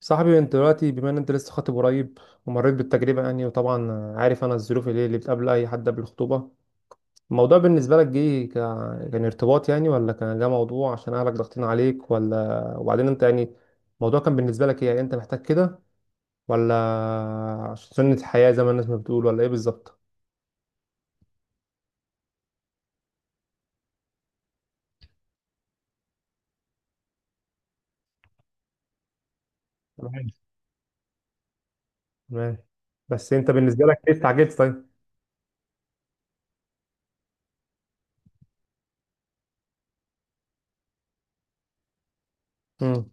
صاحبي انت دلوقتي بما ان انت لسه خاطب قريب، ومريت بالتجربه يعني وطبعا عارف انا الظروف اللي بتقابل اي حد قبل الخطوبه. الموضوع بالنسبه لك جه كان ارتباط يعني، ولا كان ده موضوع عشان اهلك ضاغطين عليك، ولا وبعدين انت يعني الموضوع كان بالنسبه لك ايه؟ يعني انت محتاج كده ولا عشان سنه الحياه زي ما الناس ما بتقول، ولا ايه بالظبط؟ تمام، تمام. بس انت بالنسبه لك ليه استعجلت طيب؟ امم.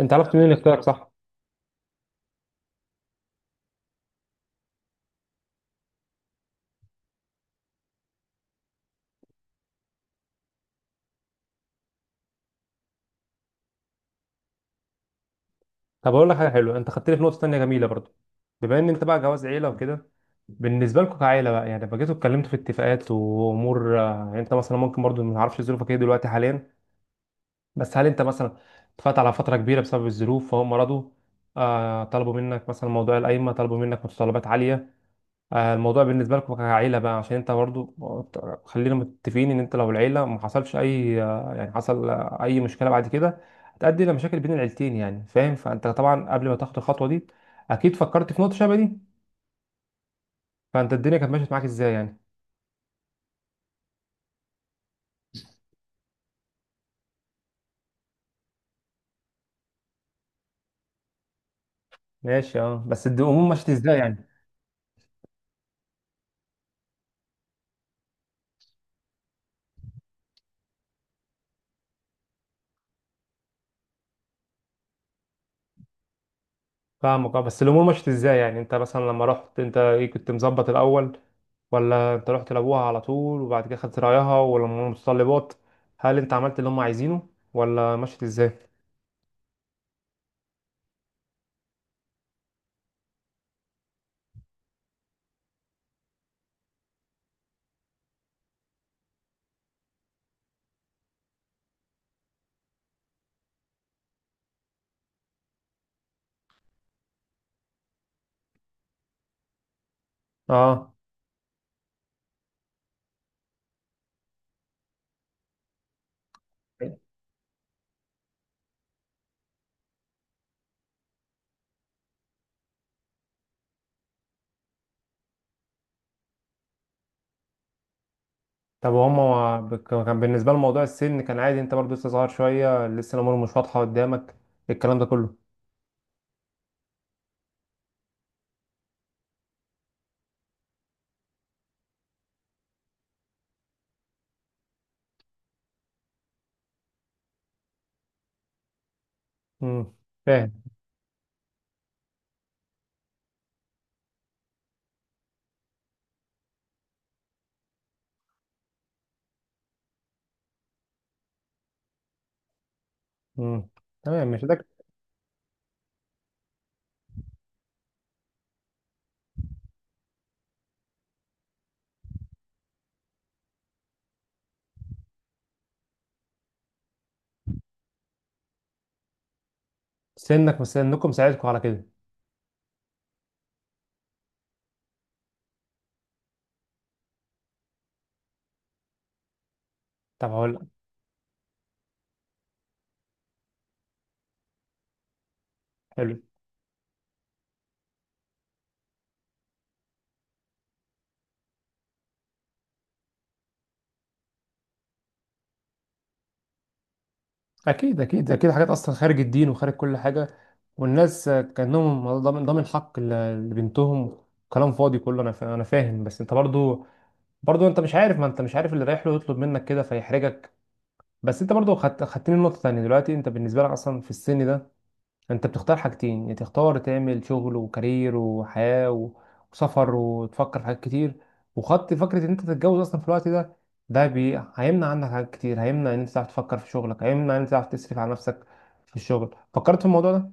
انت عرفت منين اللي اختارك صح؟ طب اقول لك حاجه حلوه، انت خدتني في نقطه تانية جميله برضو. بما ان انت بقى جواز عيله وكده، بالنسبه لكم كعيله بقى يعني لما جيتوا اتكلمتوا في اتفاقات وامور آه، يعني انت مثلا ممكن برضو ما نعرفش ظروفك ايه دلوقتي حاليا. بس هل انت مثلا اتفقت على فتره كبيره بسبب الظروف فهم رضوا؟ آه طلبوا منك مثلا موضوع القايمه؟ طلبوا منك متطلبات عاليه؟ آه، الموضوع بالنسبة لكم كعيلة بقى، عشان انت برضو خلينا متفقين ان انت لو العيلة ما حصلش اي آه، يعني حصل آه، اي مشكلة بعد كده هتؤدي الى مشاكل بين العيلتين يعني، فاهم؟ فانت طبعا قبل ما تاخد الخطوة دي اكيد فكرت في نقطة شبه دي. فانت الدنيا كانت ماشية معاك ازاي يعني؟ ماشي. اه بس الامور مشيت ازاي يعني؟ فاهمك. اه بس الامور مشيت ازاي يعني؟ انت مثلا لما رحت انت ايه كنت مظبط الاول؟ ولا انت رحت لابوها على طول وبعد كده خدت رايها؟ ولا من المتطلبات هل انت عملت اللي هم عايزينه، ولا مشيت ازاي؟ اه. طب وهم كان بالنسبة لهم موضوع السن كان عادي؟ انت برضو لسه صغير شوية، لسه الأمور مش واضحة قدامك، الكلام ده كله. امم. فاهم. امم. تمام، مش ده. سنك مش سنكم ساعدكم على كده. طب هقول لك. حلو. أكيد، أكيد، أكيد، حاجات أصلا خارج الدين وخارج كل حاجة، والناس كأنهم ضامن حق لبنتهم. كلام فاضي كله. أنا فاهم، بس أنت برضو، برضو أنت مش عارف، ما أنت مش عارف اللي رايح له يطلب منك كده فيحرجك. بس أنت برضو خدتني نقطة تانية. دلوقتي أنت بالنسبة لك أصلا في السن ده انت بتختار حاجتين: يا تختار تعمل شغل وكارير وحياة وسفر وتفكر في حاجات كتير، وخط فكرة ان انت تتجوز اصلا في الوقت ده. هيمنع عنك حاجات كتير، هيمنع ان انت تعرف تفكر في شغلك، هيمنع ان انت تعرف تصرف على نفسك في الشغل. فكرت في الموضوع ده؟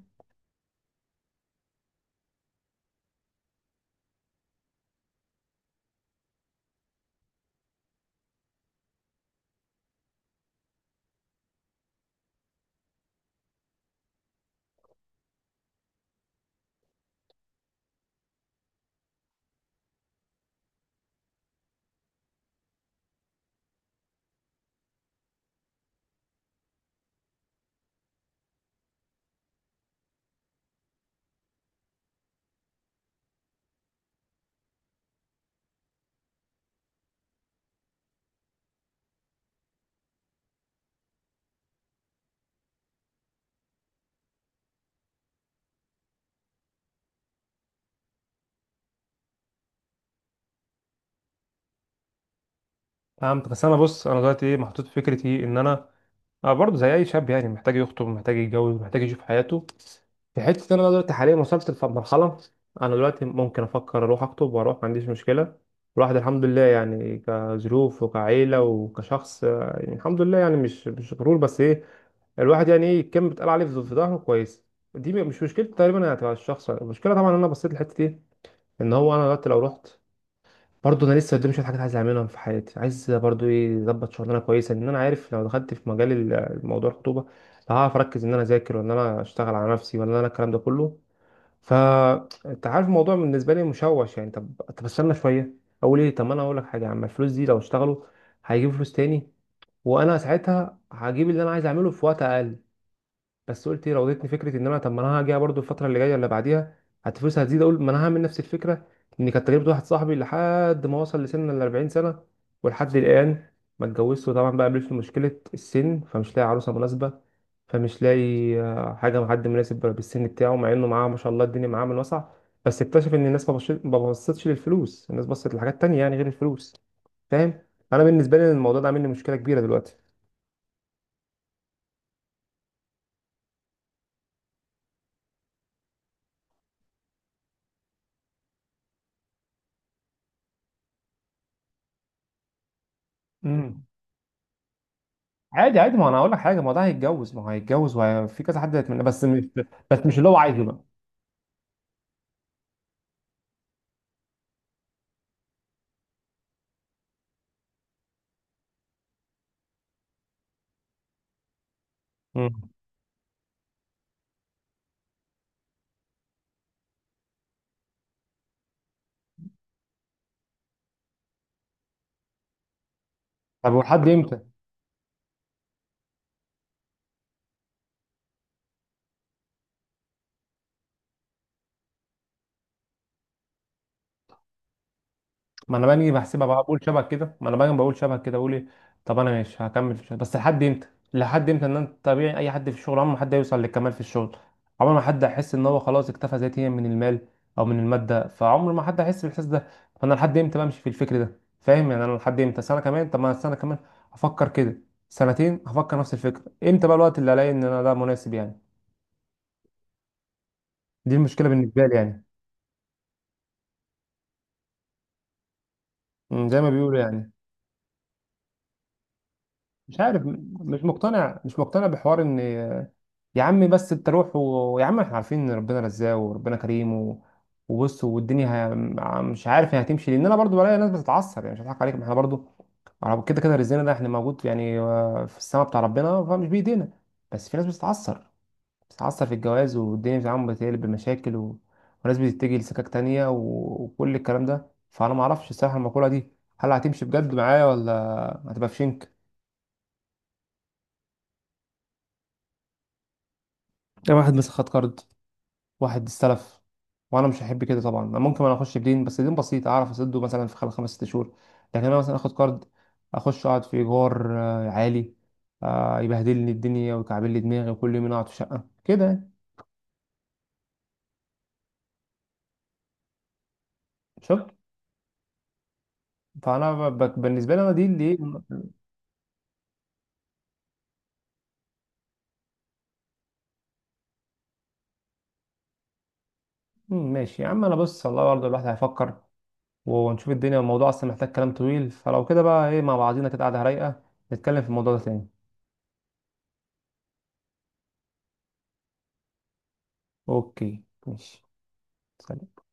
فهمت. بس انا بص، انا دلوقتي ايه محطوط في فكرة ايه؟ ان انا، أنا برضه زي اي شاب يعني، محتاج يخطب، محتاج يتجوز، محتاج يشوف حياته. في حته إن انا دلوقتي حاليا وصلت لمرحله انا دلوقتي ممكن افكر اروح اخطب واروح، ما عنديش مشكله. الواحد الحمد لله يعني كظروف وكعيله وكشخص آه، يعني الحمد لله يعني، مش غرور، بس ايه، الواحد يعني ايه كان بيتقال عليه في ظهره كويس. دي مش مشكلة تقريبا يعني، تبع الشخص. المشكله طبعا إن انا بصيت للحته دي، ان هو انا دلوقتي لو رحت برضه انا لسه قدامي شويه حاجات عايز اعملهم في حياتي، عايز برضه ايه، اظبط شغلانه كويسه. ان انا عارف لو دخلت في مجال الموضوع الخطوبه هعرف اركز ان انا اذاكر وان انا اشتغل على نفسي ولا انا، الكلام ده كله. فانت عارف الموضوع بالنسبه لي مشوش يعني. طب استنى شويه، اقول ايه، طب ما انا اقول لك حاجه يا عم، الفلوس دي لو اشتغلوا هيجيبوا فلوس تاني، وانا ساعتها هجيب اللي انا عايز اعمله في وقت اقل. بس قلت ايه، راودتني فكره ان انا طب ما انا هاجي برضو الفتره اللي جايه ولا بعديها فلوسها هتزيد، اقول ما انا هعمل نفس الفكره. ان كانت تجربه واحد صاحبي لحد ما وصل لسن ال 40 سنه ولحد الان ما اتجوزش، وطبعا بقى قابلته مشكله السن فمش لاقي عروسه مناسبه، فمش لاقي آه، حاجه مع حد مناسب بالسن بتاعه، مع انه معاه ما شاء الله، الدنيا معاه من وسع. بس اكتشف ان الناس ما بصتش للفلوس، الناس بصت لحاجات تانية يعني غير الفلوس، فاهم؟ انا بالنسبه لي الموضوع ده عامل لي مشكله كبيره دلوقتي. عادي، عادي، ما انا اقول لك حاجه، ما ده هيتجوز، ما هو هيتجوز وفي كذا حد هيتمنى، بس مش، بس مش اللي هو عايزه بقى. مم. طب ولحد امتى؟ ما انا باجي بحسبها بقى، بقول شبه كده، ما انا باجي بقول شبه كده، بقول ايه، طب انا ماشي هكمل في الشغل، بس لحد امتى؟ لحد امتى ان انت طبيعي؟ اي حد في الشغل عمره ما حد هيوصل للكمال في الشغل، عمر ما حد هيحس ان هو خلاص اكتفى ذاتيا من المال او من الماده، فعمر ما حد هيحس بالاحساس ده. فانا لحد امتى بمشي في الفكر ده، فاهم يعني؟ انا لحد امتى؟ سنه كمان؟ طب ما أنا سنه كمان هفكر كده، سنتين هفكر نفس الفكره. امتى بقى الوقت اللي الاقي ان انا ده مناسب يعني؟ دي المشكله بالنسبه لي يعني. زي ما بيقولوا يعني. مش عارف، مش مقتنع بحوار ان، يا عم بس انت روح ويا عم احنا عارفين ان ربنا رزاق وربنا كريم وبص والدنيا مش عارف هي هتمشي، لان انا برضو بلاقي ناس بتتعصب يعني، مش هضحك عليك، ما احنا برضو كده كده رزقنا ده احنا موجود يعني آه، في السماء بتاع ربنا، فمش بايدينا. بس في ناس بتتعصب، بتتعصب في الجواز والدنيا بتاعهم بتقلب بمشاكل وناس بتتجه لسكاك تانية وكل الكلام ده. فانا ما اعرفش الصراحه المقوله دي هل هتمشي بجد معايا، ولا هتبقى في شنك؟ ده واحد مسخ خد كارد، واحد استلف، وانا مش هحب كده طبعا. أنا ممكن انا اخش بدين، بس دين بسيط اعرف اسده مثلا في خلال خمس ست شهور. لكن انا مثلا اخد كارد، اخش اقعد في ايجار آه، عالي، آه، يبهدلني الدنيا ويكعبل لي دماغي، وكل يوم اقعد في شقه كده يعني. شفت؟ فانا بالنسبه لي انا دي اللي إيه، م- ماشي يا عم. انا بص، الله برضه الواحد هيفكر ونشوف الدنيا. الموضوع اصلا محتاج كلام طويل، فلو كده بقى ايه مع بعضينا كده قاعده رايقه نتكلم في الموضوع ده تاني. اوكي ماشي. سلام.